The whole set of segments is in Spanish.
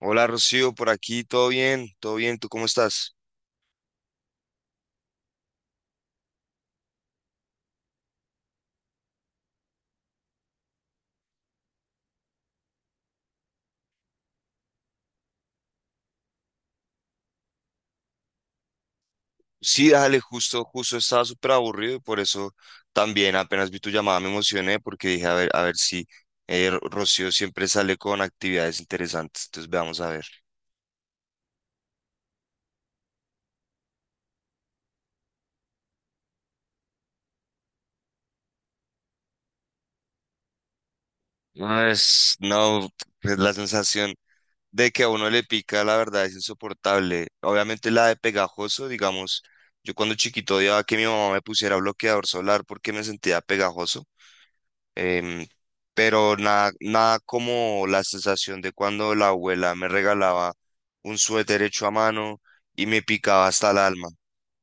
Hola Rocío, por aquí, todo bien, ¿tú cómo estás? Sí, dale, justo estaba súper aburrido y por eso también apenas vi tu llamada me emocioné porque dije, a ver si Rocío siempre sale con actividades interesantes, entonces veamos a ver. No, no, pues la sensación de que a uno le pica, la verdad, es insoportable. Obviamente la de pegajoso, digamos, yo cuando chiquito odiaba que mi mamá me pusiera bloqueador solar porque me sentía pegajoso. em, pero nada, nada como la sensación de cuando la abuela me regalaba un suéter hecho a mano y me picaba hasta el alma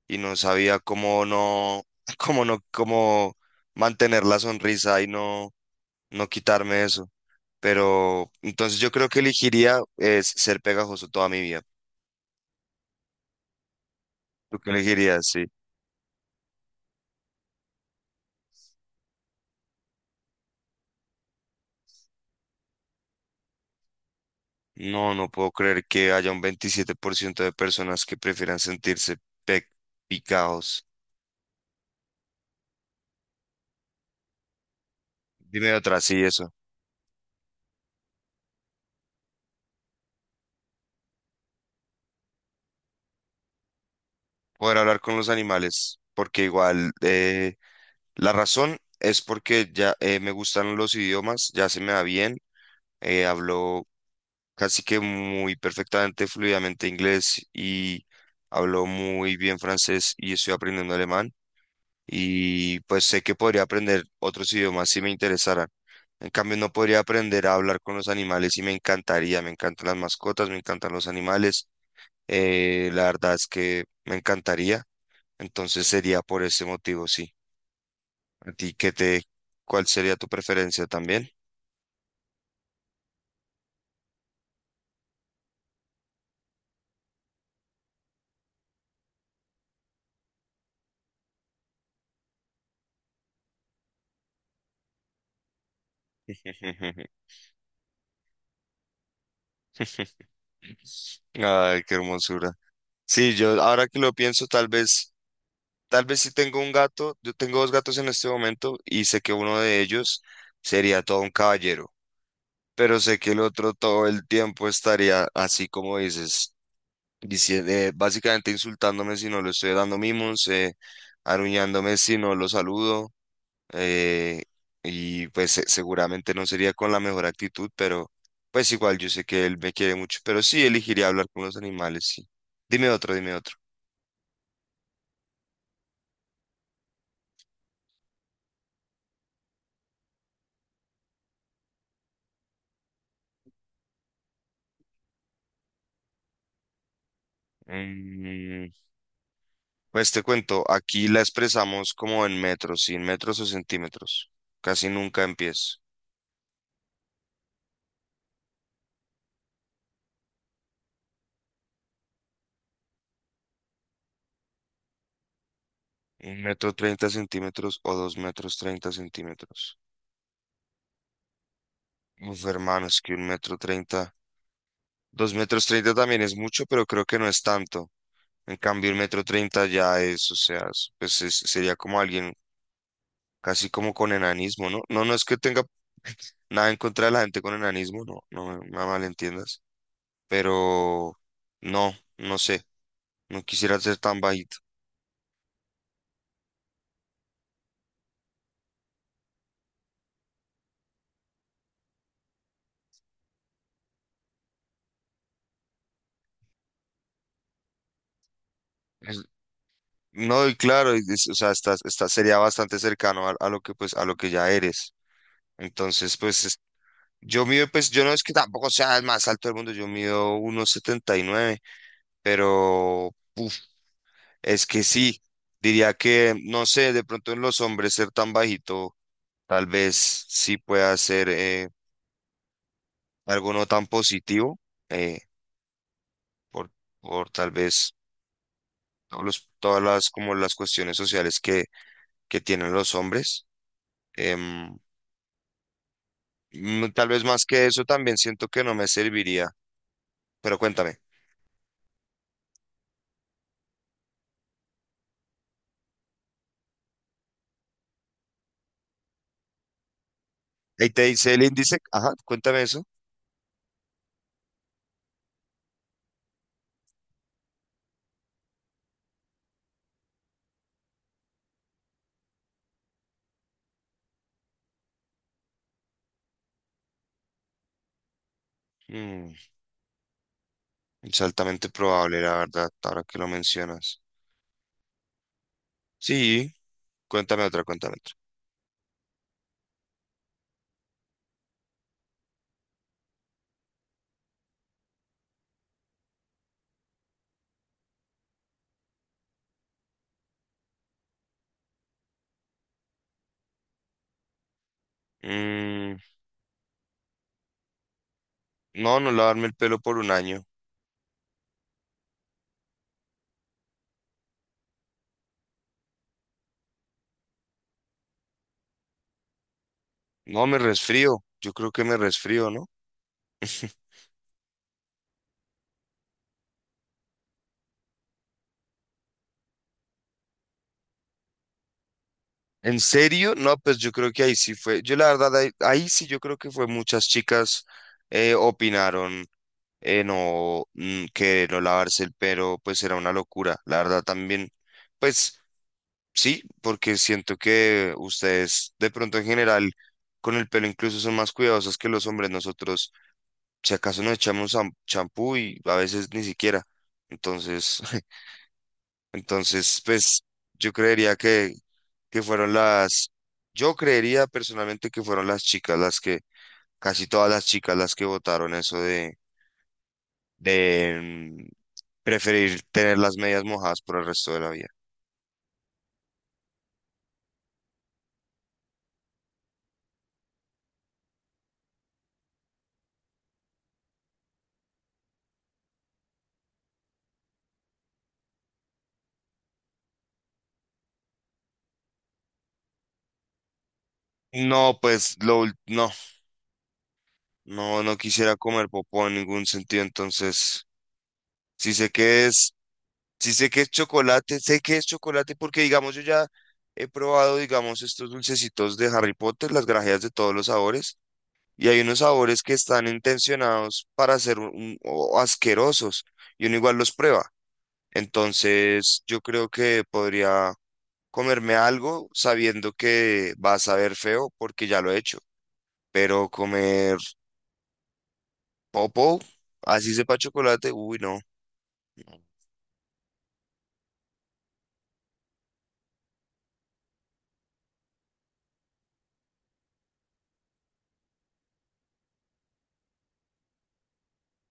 y no sabía cómo no, cómo no, cómo mantener la sonrisa y no, no quitarme eso. Pero entonces yo creo que elegiría es ser pegajoso toda mi vida. ¿Tú qué elegirías? Sí. No, no puedo creer que haya un 27% de personas que prefieran sentirse pe- picados. Dime otra, sí, eso. Poder hablar con los animales, porque igual la razón es porque ya me gustan los idiomas, ya se me da bien, hablo casi que muy perfectamente, fluidamente inglés y hablo muy bien francés y estoy aprendiendo alemán y pues sé que podría aprender otros idiomas si me interesaran. En cambio, no podría aprender a hablar con los animales y me encantaría, me encantan las mascotas, me encantan los animales, la verdad es que me encantaría. Entonces sería por ese motivo, sí. ¿A ti cuál sería tu preferencia también? Ay, qué hermosura. Sí, yo ahora que lo pienso, tal vez si tengo un gato, yo tengo dos gatos en este momento y sé que uno de ellos sería todo un caballero, pero sé que el otro todo el tiempo estaría así como dices, diciendo, básicamente insultándome si no le estoy dando mimos, aruñándome si no lo saludo. eh, y pues seguramente no sería con la mejor actitud, pero pues igual yo sé que él me quiere mucho, pero sí elegiría hablar con los animales, sí. Dime otro, dime otro. Mm, pues te cuento, aquí la expresamos como en metros, sin metros o centímetros. Casi nunca en pies. Un metro treinta centímetros o dos metros treinta centímetros. Uf, hermano, es que un metro treinta. Dos metros treinta también es mucho, pero creo que no es tanto. En cambio, el metro treinta ya es, o sea, pues sería como alguien casi como con enanismo, ¿no? No, no es que tenga nada en contra de la gente con enanismo, no, no me malentiendas, pero no, no sé, no quisiera ser tan bajito. Es- No, y claro, y o sea, sería bastante cercano a lo que pues a lo que ya eres. Entonces, pues yo mido, pues yo no es que tampoco sea el más alto del mundo, yo mido 1,79 m, pero es que sí, diría que, no sé, de pronto en los hombres ser tan bajito, tal vez sí pueda ser algo no tan positivo, eh, por, por tal vez todas las, como las cuestiones sociales que tienen los hombres. Em, Tal vez más que eso también siento que no me serviría, pero cuéntame. Ahí te dice el índice, ajá, cuéntame eso. Mm, es altamente probable, la verdad, ahora que lo mencionas. Sí, cuéntame otra, cuéntame otra. Mm, No, no lavarme el pelo por 1 año. No, me resfrío. Yo creo que me resfrío, ¿no? ¿En serio? No, pues yo creo que ahí sí fue. Yo la verdad, ahí, ahí sí yo creo que fue muchas chicas opinaron no, que no lavarse el pelo, pues era una locura. La verdad también, pues sí, porque siento que ustedes de pronto en general con el pelo incluso son más cuidadosos que los hombres. Nosotros, si acaso nos echamos champú y a veces ni siquiera. Entonces, pues yo creería que fueron las, yo creería personalmente que fueron las chicas las que, casi todas las chicas las que votaron eso de, de mm, preferir tener las medias mojadas por el resto de la vida. No, pues no, no, no quisiera comer popó en ningún sentido, entonces, si sé que es, si sé que es chocolate, sé que es chocolate porque digamos yo ya he probado, digamos, estos dulcecitos de Harry Potter, las grajeas de todos los sabores. Y hay unos sabores que están intencionados para ser o asquerosos y uno igual los prueba. Entonces, yo creo que podría comerme algo sabiendo que va a saber feo porque ya lo he hecho. Pero comer popo, así sepa chocolate, uy, no.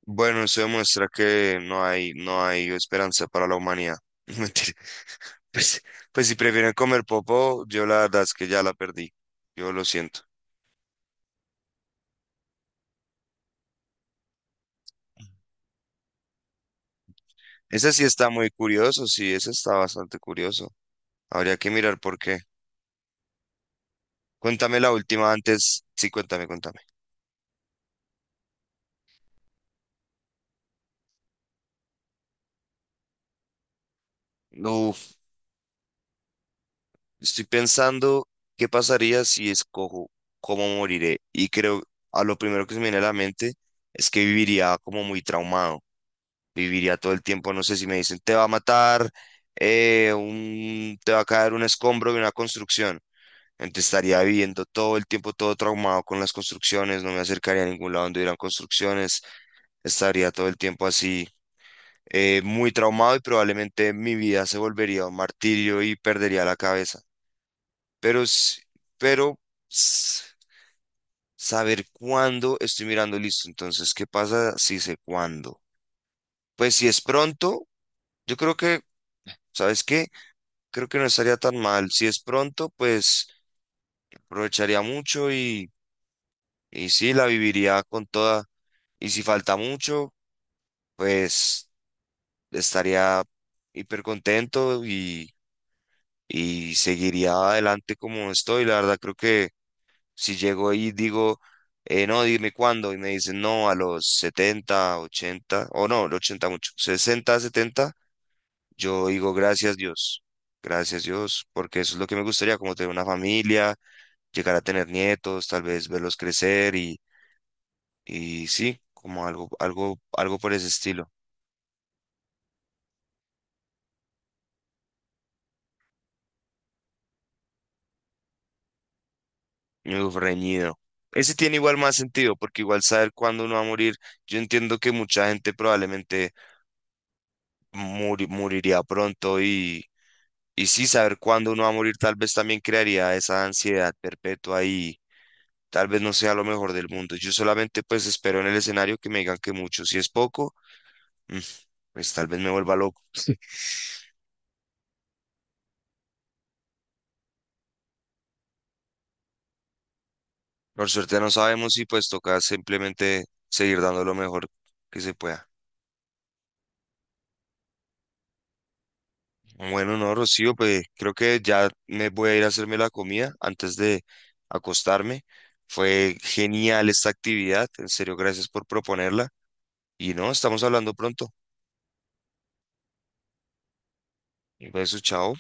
Bueno, eso demuestra que no hay, no hay esperanza para la humanidad. Mentira. Pues, pues si prefieren comer popo, yo la verdad es que ya la perdí. Yo lo siento. Ese sí está muy curioso, sí, ese está bastante curioso. Habría que mirar por qué. Cuéntame la última antes. Sí, cuéntame, cuéntame. Uf, estoy pensando qué pasaría si escojo cómo moriré. Y creo, a lo primero que se me viene a la mente es que viviría como muy traumado. Viviría todo el tiempo, no sé si me dicen, te va a matar, un, te va a caer un escombro de una construcción. Entonces estaría viviendo todo el tiempo todo traumado con las construcciones, no me acercaría a ningún lado donde hubieran construcciones, estaría todo el tiempo así, muy traumado y probablemente mi vida se volvería un martirio y perdería la cabeza. Pero, s- pero s- Saber cuándo estoy mirando listo. Entonces, ¿qué pasa si sé cuándo? Pues si es pronto, yo creo que, ¿sabes qué? Creo que no estaría tan mal. Si es pronto, pues aprovecharía mucho y sí, la viviría con toda. Y si falta mucho, pues estaría hiper contento y seguiría adelante como estoy. La verdad, creo que si llego ahí y digo, no, dime cuándo, y me dicen, no, a los 70 80 o no, los 80 mucho, 60 setenta, yo digo, gracias Dios, porque eso es lo que me gustaría, como tener una familia, llegar a tener nietos, tal vez verlos crecer y sí, como algo, algo, algo por ese estilo. Uf, reñido. Ese tiene igual más sentido, porque igual saber cuándo uno va a morir, yo entiendo que mucha gente probablemente moriría pronto y sí saber cuándo uno va a morir tal vez también crearía esa ansiedad perpetua y tal vez no sea lo mejor del mundo. Yo solamente pues espero en el escenario que me digan que mucho, si es poco, mm, pues tal vez me vuelva loco. Por suerte no sabemos y pues toca simplemente seguir dando lo mejor que se pueda. Bueno, no, Rocío, pues creo que ya me voy a ir a hacerme la comida antes de acostarme. Fue genial esta actividad, en serio, gracias por proponerla. Y no, estamos hablando pronto. Un beso, chao.